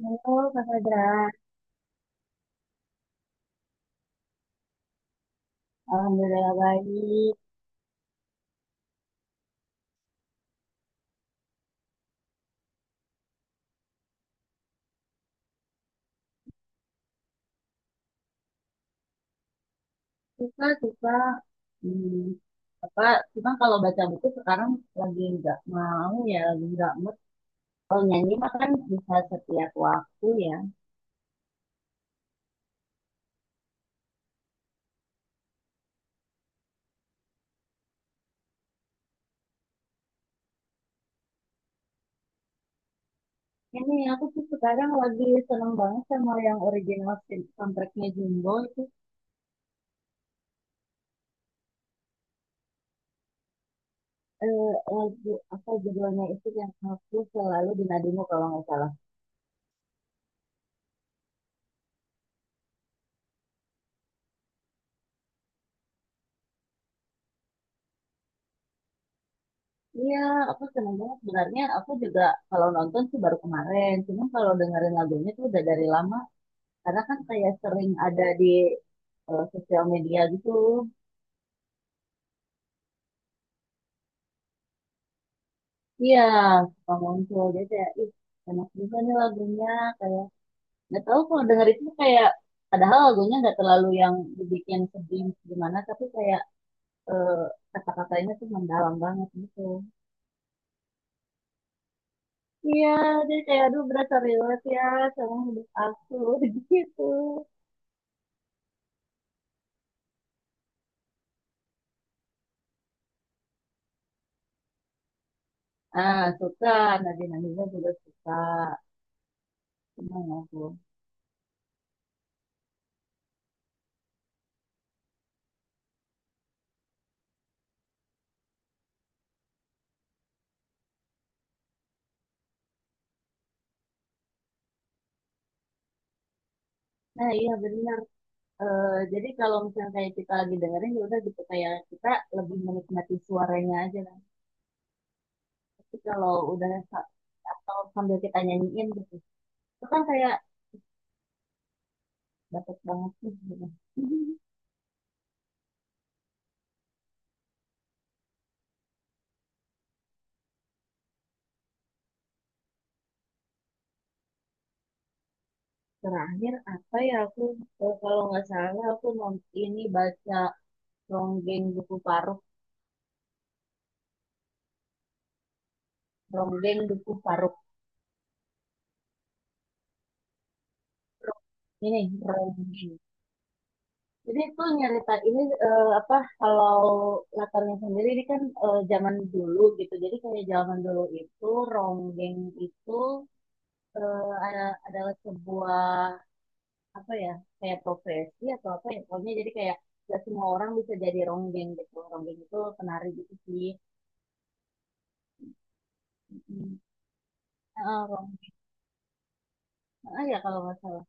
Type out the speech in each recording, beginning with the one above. Halo Kak Sadra. Alhamdulillah baik. Suka, suka. Hmm, apa, cuma kalau baca buku sekarang lagi nggak mau ya, lagi nggak mood. Kalau nyanyi mah kan bisa setiap waktu ya. Ini aku tuh sekarang lagi seneng banget sama yang soundtracknya Jumbo itu, lagu apa judulnya itu yang aku selalu dinadimu kalau nggak salah. Iya, aku seneng banget. Sebenarnya aku juga kalau nonton sih baru kemarin. Cuma kalau dengerin lagunya tuh udah dari lama, karena kan kayak sering ada di sosial media gitu. Iya, suka muncul. Jadi kayak, ih, enak juga nih lagunya. Kayak nggak tahu kalau denger itu kayak padahal lagunya nggak terlalu yang dibikin sedih gimana, tapi kayak eh, kata-katanya tuh mendalam banget gitu. Iya, jadi kayak aduh berasa relate ya sama hidup aku gitu. Ah, suka. Nadine Amizah juga suka. Senang aku. Nah, iya bener. Eh, jadi kalau misalnya kayak kita lagi dengerin ya udah gitu kayak kita lebih menikmati suaranya aja kan. Tapi kalau udah sa- atau sambil kita nyanyiin gitu, itu kan kayak dapat banget sih. Gitu. Terakhir apa ya aku, kalau nggak salah aku mau ini baca Ronggeng Duku Paruk, Ronggeng Duku Paruk. Ini Rong- jadi itu nyerita ini, eh, apa kalau latarnya sendiri ini kan zaman dulu gitu. Jadi kayak zaman dulu itu Ronggeng itu eh, ada adalah sebuah apa ya kayak profesi atau apa ya pokoknya jadi kayak gak semua orang bisa jadi ronggeng gitu, ronggeng itu penari gitu sih. Mm. Ah, Rong- ah, ya kalau nggak salah.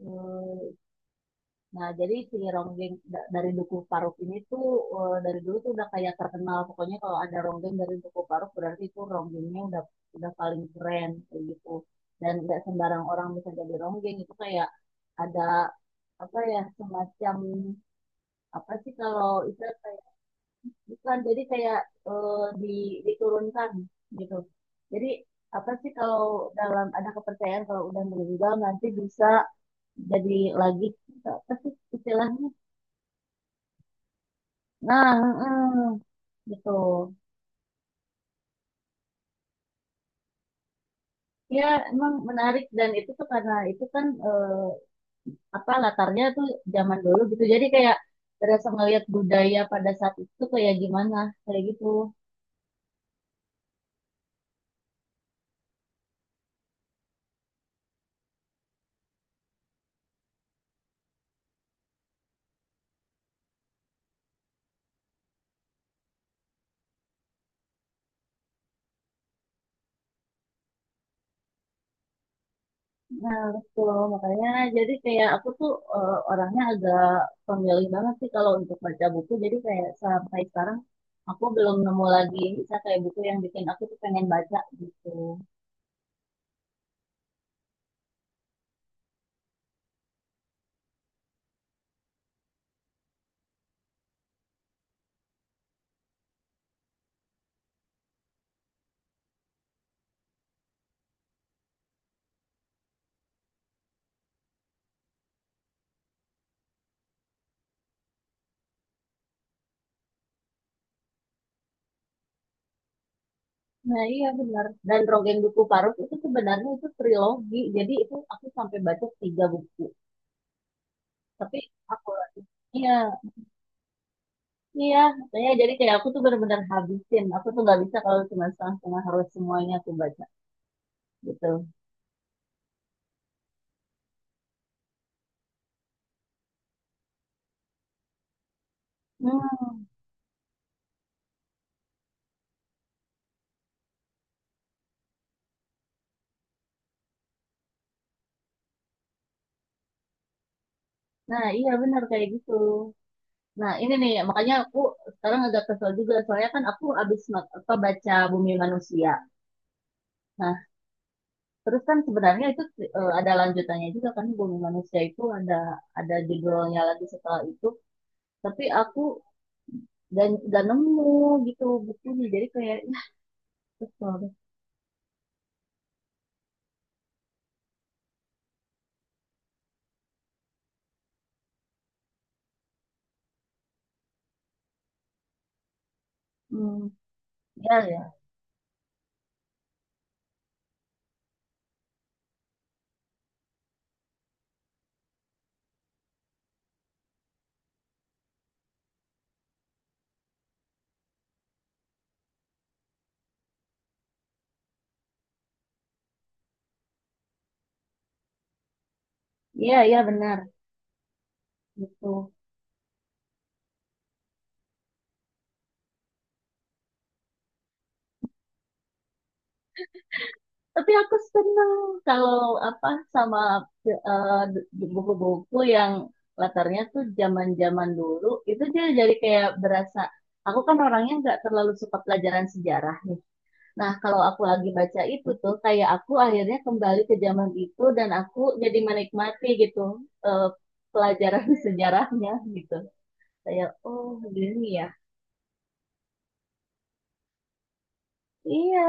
Eh, nah, jadi si Ronggeng dari Dukuh Paruk ini tuh dari dulu tuh udah kayak terkenal. Pokoknya kalau ada Ronggeng dari Dukuh Paruk berarti itu Ronggengnya udah paling keren kayak gitu. Dan nggak sembarang orang bisa jadi Ronggeng itu kayak ada apa ya semacam apa sih kalau itu. Bukan, jadi kayak eh, di, diturunkan gitu. Jadi apa sih kalau dalam ada kepercayaan kalau udah meninggal nanti bisa jadi lagi gitu. Apa sih istilahnya? Nah, gitu. Ya emang menarik dan itu tuh karena itu kan eh, apa latarnya tuh zaman dulu gitu. Jadi kayak terasa ngeliat budaya pada saat itu kayak gimana kayak gitu. Nah, betul. Makanya jadi kayak aku tuh orangnya agak pemilih banget sih kalau untuk baca buku. Jadi kayak sampai sekarang aku belum nemu lagi bisa kayak buku yang bikin aku tuh pengen baca gitu. Nah, iya benar. Dan Rogen Duku Paruk itu sebenarnya itu trilogi. Jadi itu aku sampai baca tiga buku. Tapi aku iya, iya. Makanya jadi kayak aku tuh benar-benar habisin. Aku tuh nggak bisa kalau cuma setengah-setengah, harus semuanya aku baca gitu. Hmm. Nah, iya benar kayak gitu. Nah, ini nih, makanya aku sekarang agak kesel juga. Soalnya kan aku habis baca Bumi Manusia. Nah, terus kan sebenarnya itu ada lanjutannya juga kan, Bumi Manusia itu ada judulnya lagi setelah itu. Tapi aku gak, gak nemu gitu bukunya. Jadi kayak, ya, kesel deh. Hmm, iya ya. Iya, iya benar. Gitu. Tapi aku seneng kalau apa sama eh, buku-buku yang latarnya tuh zaman-zaman dulu itu, dia jadi kayak berasa, aku kan orangnya nggak terlalu suka pelajaran sejarah nih. Nah kalau aku lagi baca itu tuh kayak aku akhirnya kembali ke zaman itu dan aku jadi menikmati gitu eh, pelajaran sejarahnya gitu. Kayak oh gini ya. Iya,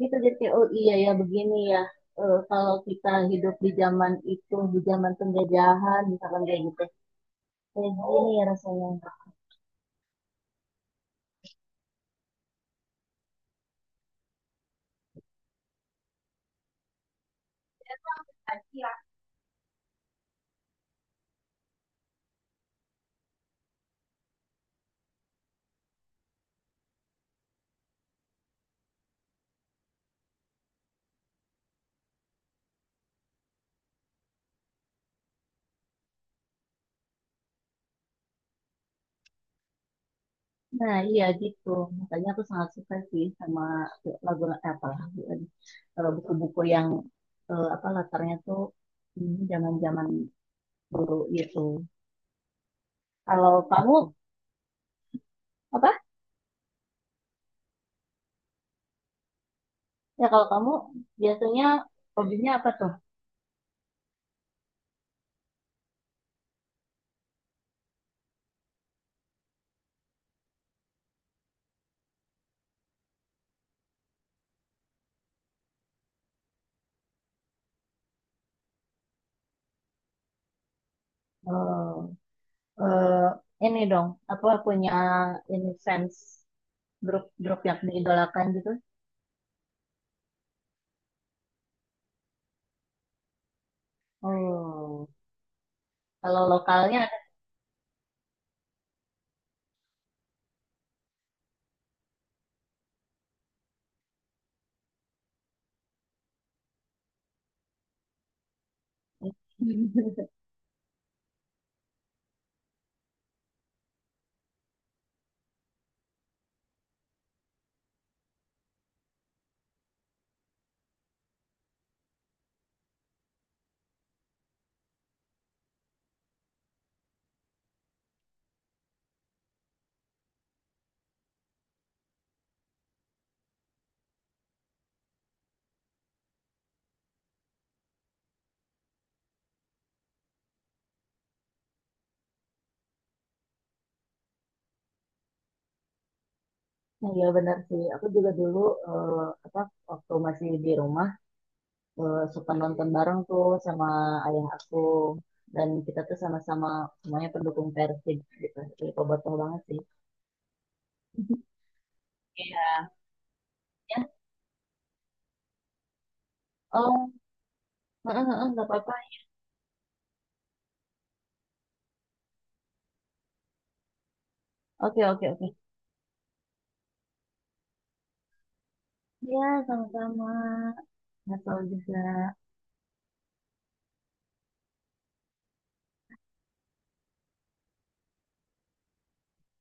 gitu jadi kayak, oh iya ya begini ya. Eh, kalau kita hidup di zaman itu di zaman penjajahan misalkan kayak gitu, kayak gini ya rasanya. Nah iya gitu, makanya aku sangat suka sih sama lagu eh, apa lagu lagi. Eh, buku-buku yang eh, apa latarnya tuh zaman-zaman dulu gitu. Kalau kamu apa ya, kalau kamu biasanya hobinya apa tuh. Eh, ini dong apa punya ini sense, grup-grup yang diidolakan gitu. Oh, kalau lokalnya ada. Iya benar sih. Aku juga dulu eh, apa waktu masih di rumah suka nonton bareng tuh sama ayah aku, dan kita tuh sama-sama semuanya pendukung Persib gitu. Jadi bobotoh banget sih. Iya. Ya. Oh, heeh, heeh, nggak apa-apa. Oke, oke, oke. Iya, sama-sama. Nggak tahu juga.